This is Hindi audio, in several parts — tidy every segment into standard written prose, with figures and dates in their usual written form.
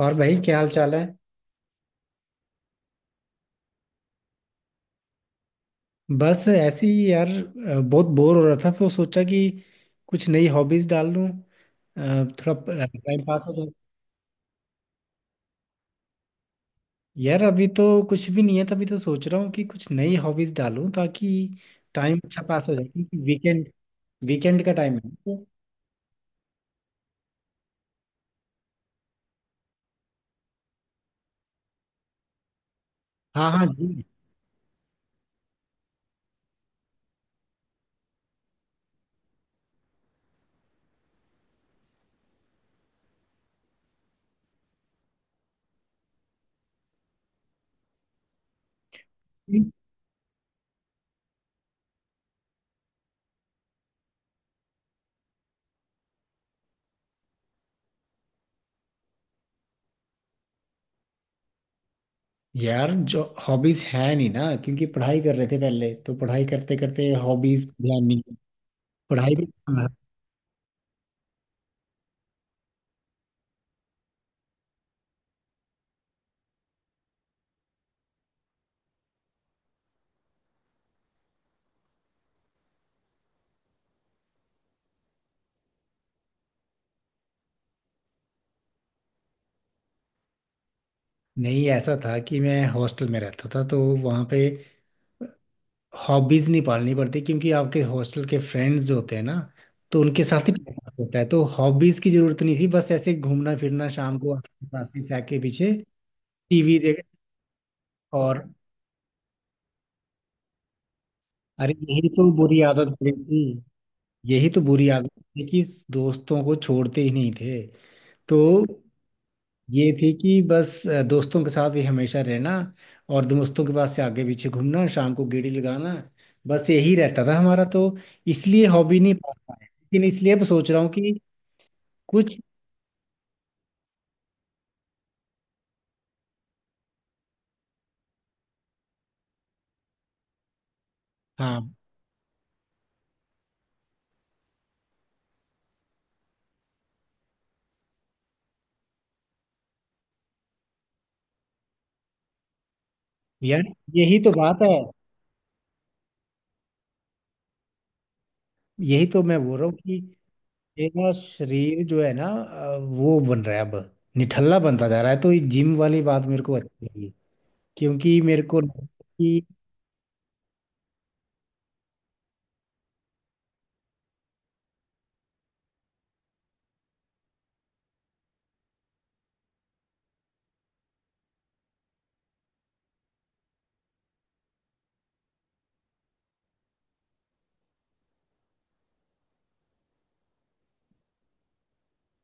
और भाई, क्या हाल चाल है। बस ऐसे ही यार, बहुत बोर हो रहा था तो सोचा कि कुछ नई हॉबीज डाल लूं। थोड़ा टाइम पास हो जाए। यार, अभी तो कुछ भी नहीं है, तभी तो सोच रहा हूँ कि कुछ नई हॉबीज डालूं ताकि टाइम अच्छा पास हो जाए, क्योंकि वीकेंड वीकेंड का टाइम है तो। हाँ, हाँ जी। यार, जो हॉबीज है नहीं ना, क्योंकि पढ़ाई कर रहे थे पहले, तो पढ़ाई करते करते हॉबीज ध्यान नहीं। पढ़ाई भी। नहीं, ऐसा था कि मैं हॉस्टल में रहता था तो वहाँ पे हॉबीज नहीं पालनी पड़ती, क्योंकि आपके हॉस्टल के फ्रेंड्स जो होते हैं ना, तो उनके साथ ही टाइम पास होता है तो हॉबीज की जरूरत नहीं थी। बस ऐसे घूमना फिरना, शाम को आपकी क्लासेस से आके पीछे टीवी देख। और अरे, यही तो बुरी आदत पड़ी थी। यही तो बुरी आदत थी कि दोस्तों को छोड़ते ही नहीं थे तो। ये थी कि बस दोस्तों के साथ ही हमेशा रहना, और दोस्तों के पास से आगे पीछे घूमना, शाम को गेड़ी लगाना, बस यही रहता था हमारा। तो इसलिए हॉबी नहीं पाल पाए, लेकिन इसलिए अब सोच रहा हूँ कि कुछ। हाँ। यार, यही तो बात है। यही तो मैं बोल रहा हूँ कि मेरा शरीर जो है ना, वो बन रहा है अब। निठल्ला बनता जा रहा है, तो ये जिम वाली बात मेरे को अच्छी लगी, क्योंकि मेरे को, कि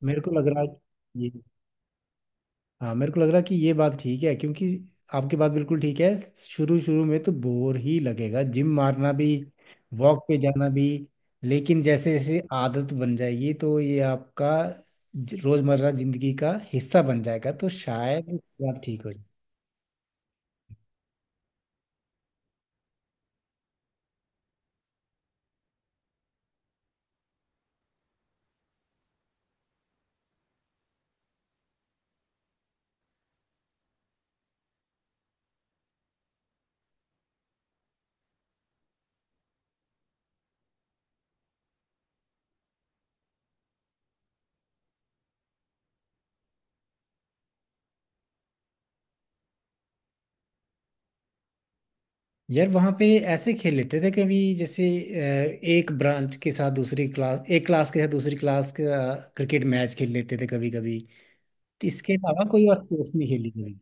मेरे को लग रहा है। हाँ, मेरे को लग रहा कि ये बात ठीक है, क्योंकि आपकी बात बिल्कुल ठीक है। शुरू शुरू में तो बोर ही लगेगा, जिम मारना भी, वॉक पे जाना भी। लेकिन जैसे जैसे आदत बन जाएगी तो ये आपका रोजमर्रा जिंदगी का हिस्सा बन जाएगा, तो शायद बात ठीक हो जाए। यार, वहाँ पे ऐसे खेल लेते थे कभी, जैसे एक ब्रांच के साथ दूसरी क्लास, एक क्लास के साथ दूसरी क्लास का क्रिकेट मैच खेल लेते थे कभी कभी। इसके अलावा कोई और स्पोर्ट्स नहीं खेली कभी।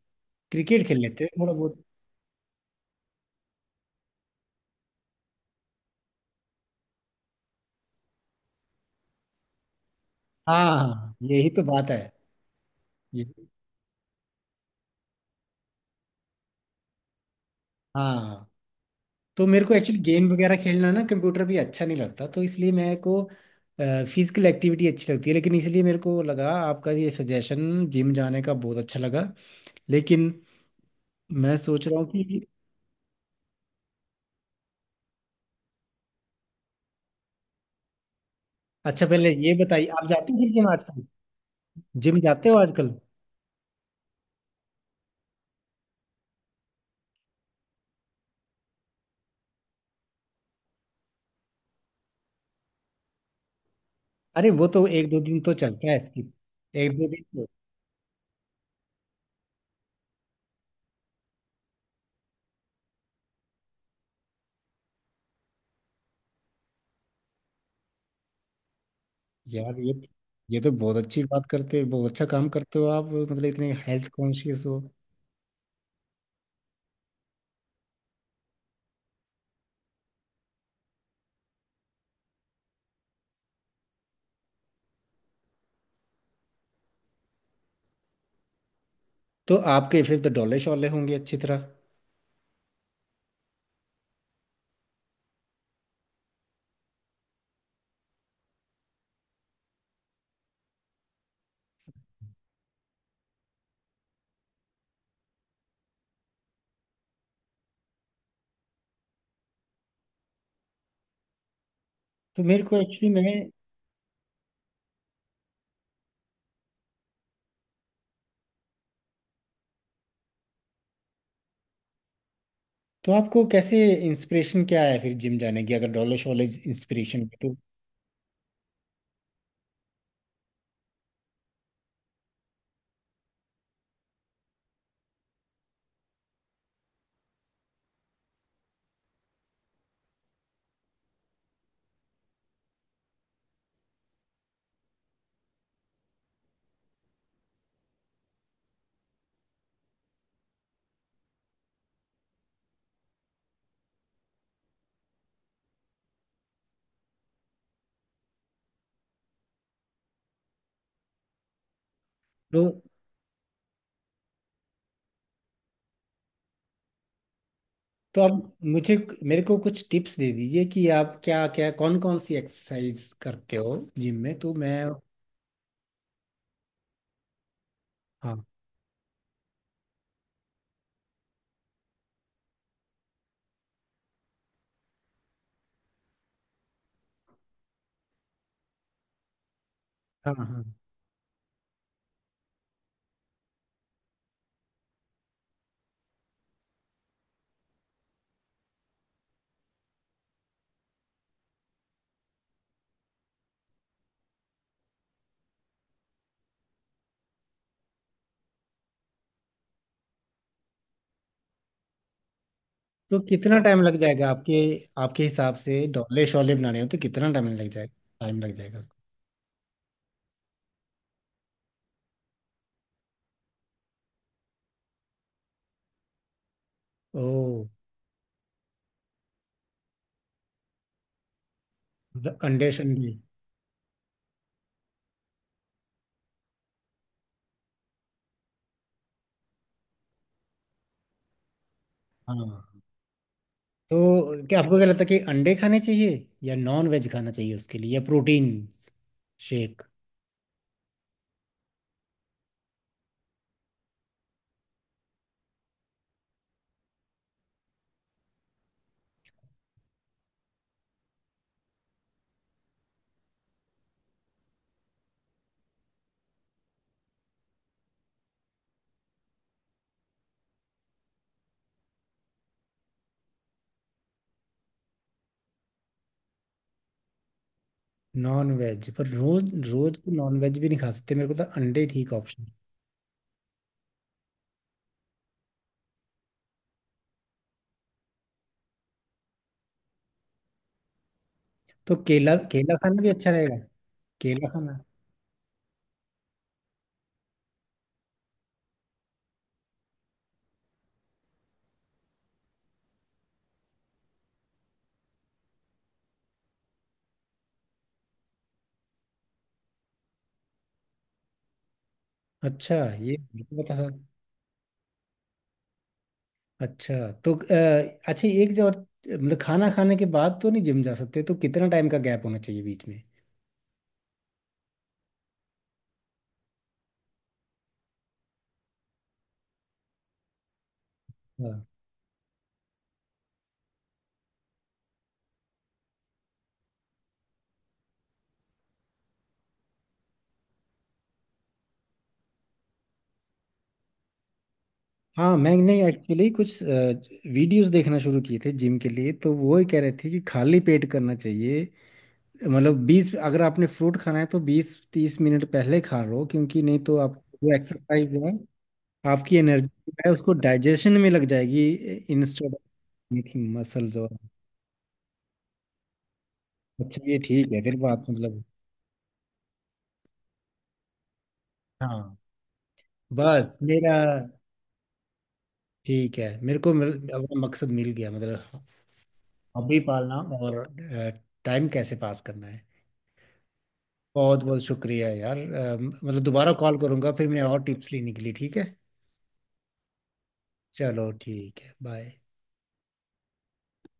क्रिकेट खेल लेते थे थोड़ा बहुत। हाँ, यही तो बात है। ये। हाँ, तो मेरे को एक्चुअली गेम वगैरह खेलना ना, कंप्यूटर भी अच्छा नहीं लगता, तो इसलिए मेरे को फिजिकल एक्टिविटी अच्छी लगती है, लेकिन इसलिए मेरे को लगा आपका ये सजेशन जिम जाने का बहुत अच्छा लगा। लेकिन मैं सोच रहा हूँ कि अच्छा, पहले ये बताइए, आप जाते हो फिर जिम आजकल? जिम जाते हो आजकल? अरे, वो तो एक दो दिन तो चलता है स्किप। एक दो दिन तो। यार, ये तो बहुत अच्छी बात करते हो, बहुत अच्छा काम करते हो आप, मतलब इतने हेल्थ कॉन्शियस हो। तो आपके फिर तो डोले शोले होंगे अच्छी तरह। तो मेरे को एक्चुअली मैं। तो आपको कैसे, इंस्पिरेशन क्या है फिर जिम जाने की, अगर डोले शोले इंस्पिरेशन है तो? तो तो आप मुझे, मेरे को कुछ टिप्स दे दीजिए कि आप क्या क्या, कौन कौन सी एक्सरसाइज करते हो जिम में, तो मैं। हाँ, हाँ, हाँ। तो कितना टाइम लग जाएगा आपके, आपके हिसाब से डोले शोले बनाने हो तो कितना टाइम लग जाएगा? टाइम लग जाएगा? ओह। अंडे शंडे? हाँ, तो क्या आपको क्या लगता है कि अंडे खाने चाहिए या नॉन वेज खाना चाहिए उसके लिए, या प्रोटीन शेक? नॉन वेज पर रोज रोज तो नॉन वेज भी नहीं खा सकते, मेरे को तो अंडे ठीक ऑप्शन। तो केला, केला खाना भी अच्छा रहेगा? केला खाना अच्छा। ये मेरे को पता था। अच्छा, तो अच्छा, एक जो और, मतलब खाना खाने के बाद तो नहीं जिम जा सकते, तो कितना टाइम का गैप होना चाहिए बीच में? हाँ, हाँ। मैं नहीं, एक्चुअली कुछ वीडियोस देखना शुरू किए थे जिम के लिए, तो वो ही कह रहे थे कि खाली पेट करना चाहिए। मतलब बीस अगर आपने फ्रूट खाना है तो 20-30 मिनट पहले खा लो, क्योंकि नहीं तो आप, जो एक्सरसाइज है, आपकी एनर्जी है, उसको डाइजेशन में लग जाएगी। Instead of muscles. और अच्छा, ये ठीक है फिर, बात मतलब। हाँ, बस मेरा, ठीक है, मेरे को अपना मकसद मिल गया, मतलब हॉबी पालना और टाइम कैसे पास करना है। बहुत बहुत शुक्रिया यार, मतलब दोबारा कॉल करूंगा फिर मैं, और टिप्स लेने के लिए, ठीक है। चलो, ठीक है, बाय।